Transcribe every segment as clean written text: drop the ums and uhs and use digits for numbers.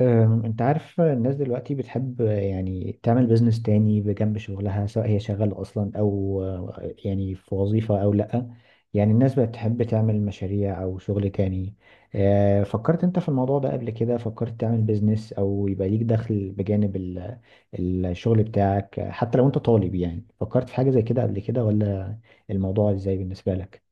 انت عارف الناس دلوقتي بتحب يعني تعمل بيزنس تاني بجنب شغلها سواء هي شغالة اصلا او يعني في وظيفة او لا. يعني الناس بقت تحب تعمل مشاريع او شغل تاني. فكرت انت في الموضوع ده قبل كده؟ فكرت تعمل بيزنس او يبقى ليك دخل بجانب الشغل بتاعك؟ حتى لو انت طالب، يعني فكرت في حاجة زي كده قبل كده، ولا الموضوع ازاي بالنسبة لك؟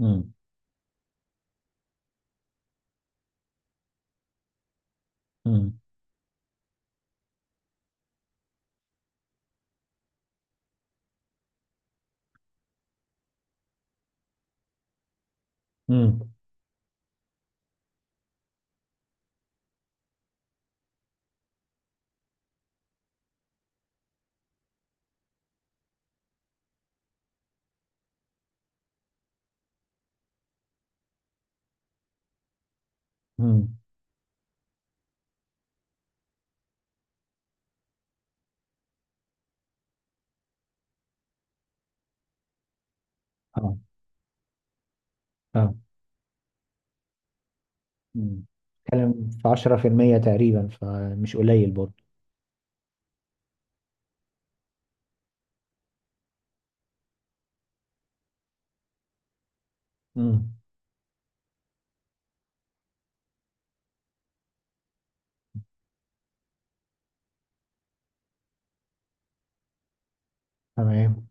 امم. امم. امم. اه. اه. مم. بتتكلم في عشرة في المية تقريبا، فمش قليل برضه. مم. تمام.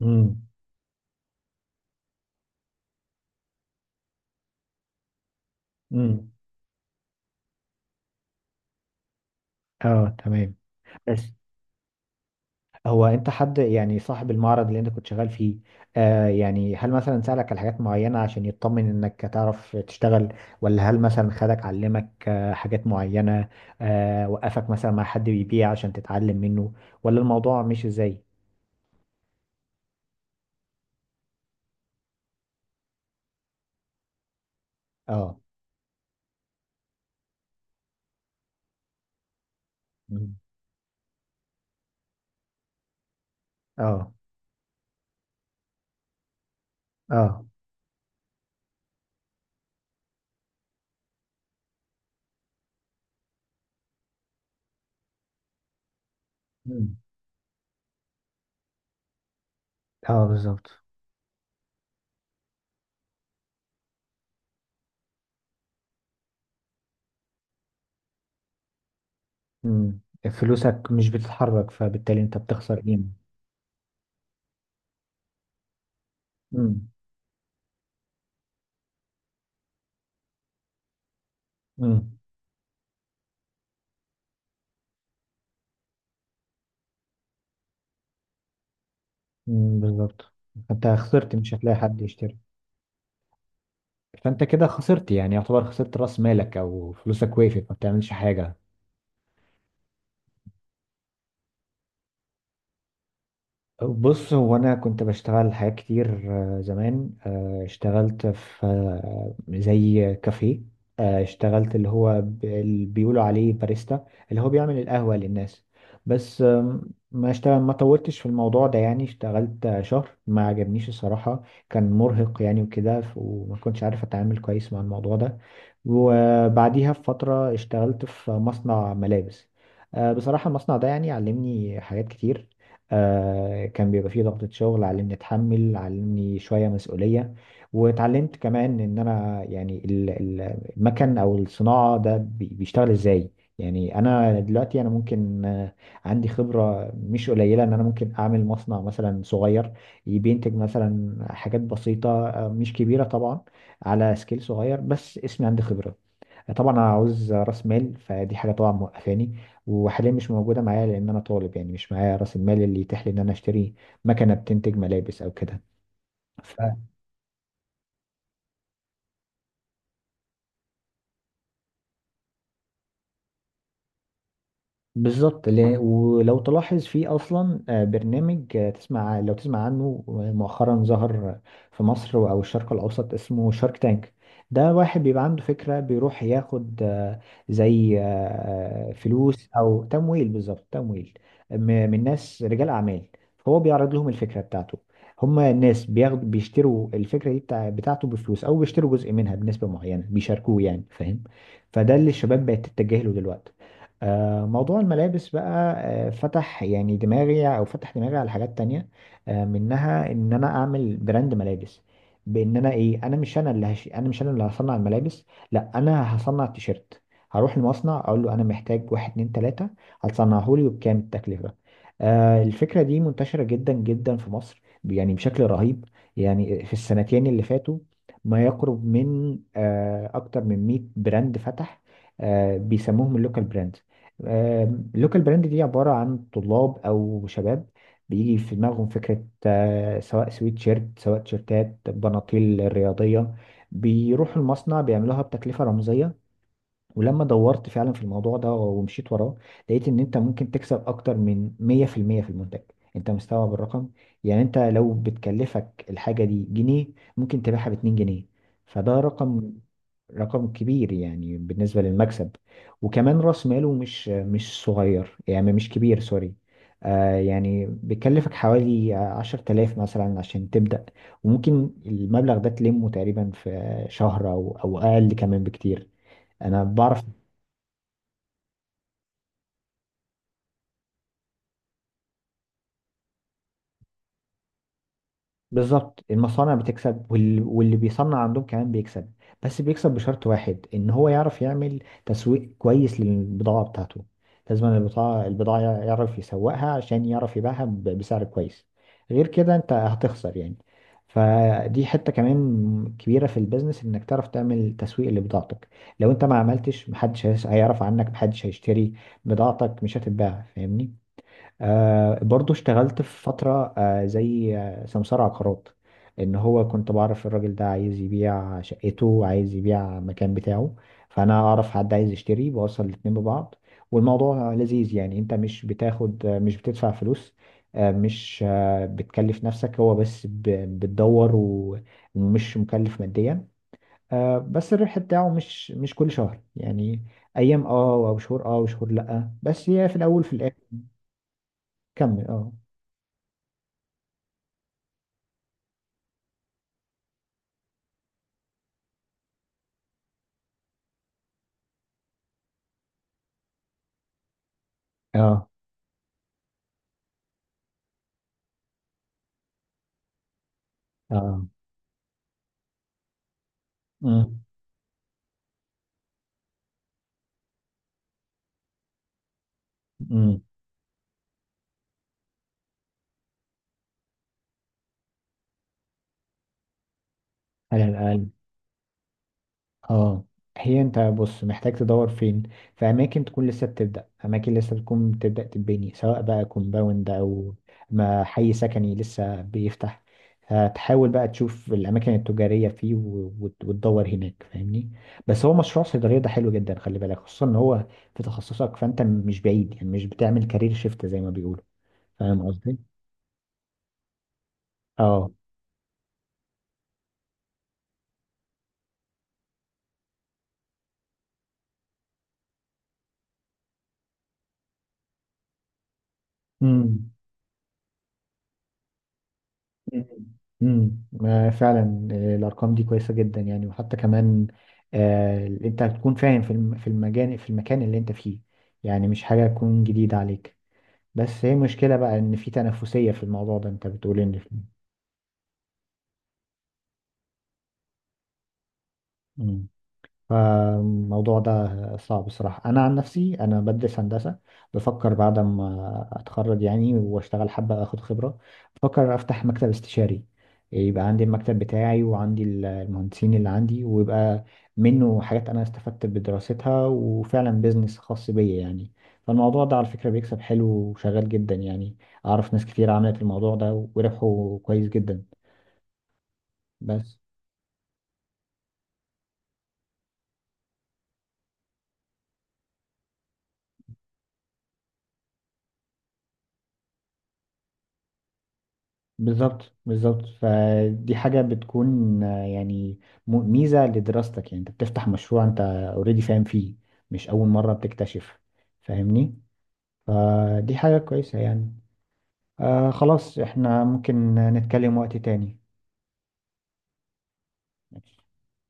مم. مم. اه، تمام. بس هو انت، حد يعني صاحب المعرض اللي انت كنت شغال فيه، يعني هل مثلا سألك على حاجات معينة عشان يطمن انك تعرف تشتغل، ولا هل مثلا خدك علمك حاجات معينة، وقفك مثلا مع حد بيبيع عشان تتعلم منه، ولا الموضوع مش ازاي؟ اه. مم. اه. اه. مم. اه، بالظبط. مم. فلوسك مش بتتحرك، فبالتالي انت بتخسر قيمة. مم. مم. مم. بالظبط. فانت خسرت، مش هتلاقي حد يشتري. فانت كده خسرت، يعني يعتبر خسرت راس مالك او فلوسك وقفت، ما بتعملش حاجة. بص، هو انا كنت بشتغل حاجات كتير. زمان اشتغلت في زي كافيه. اشتغلت اللي هو اللي بيقولوا عليه باريستا، اللي هو بيعمل القهوة للناس. بس ما طولتش في الموضوع ده. يعني اشتغلت شهر، ما عجبنيش الصراحة. كان مرهق يعني وكده، وما كنتش عارف اتعامل كويس مع الموضوع ده. وبعديها بفترة اشتغلت في مصنع ملابس. بصراحة المصنع ده يعني علمني حاجات كتير. كان بيبقى فيه ضغطة شغل، علمني اتحمل، علمني شوية مسؤولية. واتعلمت كمان ان انا يعني المكن او الصناعة ده بيشتغل ازاي. يعني انا دلوقتي انا ممكن، عندي خبرة مش قليلة، ان انا ممكن اعمل مصنع مثلا صغير بينتج مثلا حاجات بسيطة، مش كبيرة طبعا، على سكيل صغير، بس اسمي عندي خبرة. طبعا انا عاوز راس مال، فدي حاجه طبعا موقفاني، وحاليا مش موجوده معايا لان انا طالب، يعني مش معايا راس المال اللي يتيح لي ان انا اشتري مكنه بتنتج ملابس او كده. بالظبط. ولو تلاحظ في اصلا برنامج آه، تسمع لو تسمع عنه، مؤخرا ظهر في مصر او الشرق الاوسط، اسمه شارك تانك. ده واحد بيبقى عنده فكرة، بيروح ياخد زي فلوس او تمويل، بالظبط تمويل، م- من ناس رجال اعمال. هو بيعرض لهم الفكرة بتاعته، هما الناس بيشتروا الفكرة دي بتاعته بفلوس، او بيشتروا جزء منها بنسبة معينة، بيشاركوه يعني، فاهم؟ فده اللي الشباب بقت تتجه له دلوقتي. موضوع الملابس بقى فتح يعني دماغي او فتح دماغي على حاجات تانية، منها ان انا اعمل براند ملابس، بان انا ايه، انا مش انا اللي هصنع الملابس، لا انا هصنع التيشيرت، هروح المصنع اقول له انا محتاج واحد اتنين تلاتة، هتصنعه لي، وبكام التكلفة. الفكرة دي منتشرة جدا جدا في مصر يعني، بشكل رهيب. يعني في السنتين اللي فاتوا، ما يقرب من اكتر من 100 براند فتح. بيسموهم اللوكال براند. اللوكال براند دي عبارة عن طلاب أو شباب، بيجي في دماغهم فكرة، سواء سويت شيرت، سواء تيشيرتات، بناطيل رياضية، بيروحوا المصنع بيعملوها بتكلفة رمزية. ولما دورت فعلا في الموضوع ده ومشيت وراه، لقيت ان انت ممكن تكسب اكتر من 100% في المية في المنتج. انت مستوعب الرقم؟ يعني انت لو بتكلفك الحاجة دي جنيه، ممكن تبيعها ب 2 جنيه. فده رقم كبير يعني بالنسبة للمكسب. وكمان راس ماله مش صغير، يعني مش كبير، سوري. يعني بيكلفك حوالي 10 تلاف مثلا عشان تبدأ، وممكن المبلغ ده تلمه تقريبا في شهر أو أقل كمان بكتير، أنا بعرف. بالظبط، المصانع بتكسب، واللي بيصنع عندهم كمان بيكسب. بس بيكسب بشرط واحد، ان هو يعرف يعمل تسويق كويس للبضاعة بتاعته. لازم البضاعة، يعرف يسوقها عشان يعرف يبيعها بسعر كويس. غير كده انت هتخسر يعني. فدي حتة كمان كبيرة في البيزنس، انك تعرف تعمل تسويق لبضاعتك. لو انت ما عملتش، محدش هيعرف عنك، محدش هيشتري بضاعتك، مش هتتباع، فاهمني؟ برضو اشتغلت في فترة زي سمسار عقارات. ان هو كنت بعرف الراجل ده عايز يبيع شقته، عايز يبيع المكان بتاعه، فانا اعرف حد عايز يشتري، بوصل الاتنين ببعض. والموضوع لذيذ يعني، انت مش بتاخد آه مش بتدفع فلوس، مش بتكلف نفسك، هو بس بتدور ومش مكلف ماديا. بس الربح بتاعه مش كل شهر يعني، ايام او شهور وشهور لا، بس هي في الاول في الاخر. كمل، اه. اه. اه. امم. امم. على الاقل. اه. هي انت بص، محتاج تدور فين. في اماكن تكون لسه بتبدا، اماكن لسه بتكون بتبدا تتبني، سواء بقى كومباوند او ما حي سكني لسه بيفتح. هتحاول بقى تشوف الاماكن التجاريه فيه وتدور هناك، فاهمني؟ بس هو مشروع صيدليه ده حلو جدا، خلي بالك. خصوصا ان هو في تخصصك، فانت مش بعيد، يعني مش بتعمل كارير شيفت زي ما بيقولوا، فاهم قصدي؟ اه. امم. امم. فعلا الارقام دي كويسه جدا يعني. وحتى كمان انت هتكون فاهم في في المجان، في المكان اللي انت فيه، يعني مش حاجه تكون جديده عليك. بس هي مشكله بقى، ان في تنافسيه في الموضوع ده، انت بتقول ان في. فالموضوع ده صعب. بصراحة أنا عن نفسي أنا بدرس هندسة، بفكر بعد ما أتخرج يعني وأشتغل حبة أخد خبرة، بفكر أفتح مكتب استشاري، يبقى عندي المكتب بتاعي وعندي المهندسين اللي عندي، ويبقى منه حاجات أنا استفدت بدراستها، وفعلا بيزنس خاص بيا يعني. فالموضوع ده على فكرة بيكسب حلو وشغال جدا يعني، أعرف ناس كتير عملت الموضوع ده وربحوا كويس جدا، بس. بالظبط، بالظبط. فدي حاجة بتكون يعني ميزة لدراستك، يعني انت بتفتح مشروع انت اوريدي فاهم فيه، مش أول مرة بتكتشف، فاهمني؟ فدي حاجة كويسة يعني. خلاص، احنا ممكن نتكلم وقت تاني.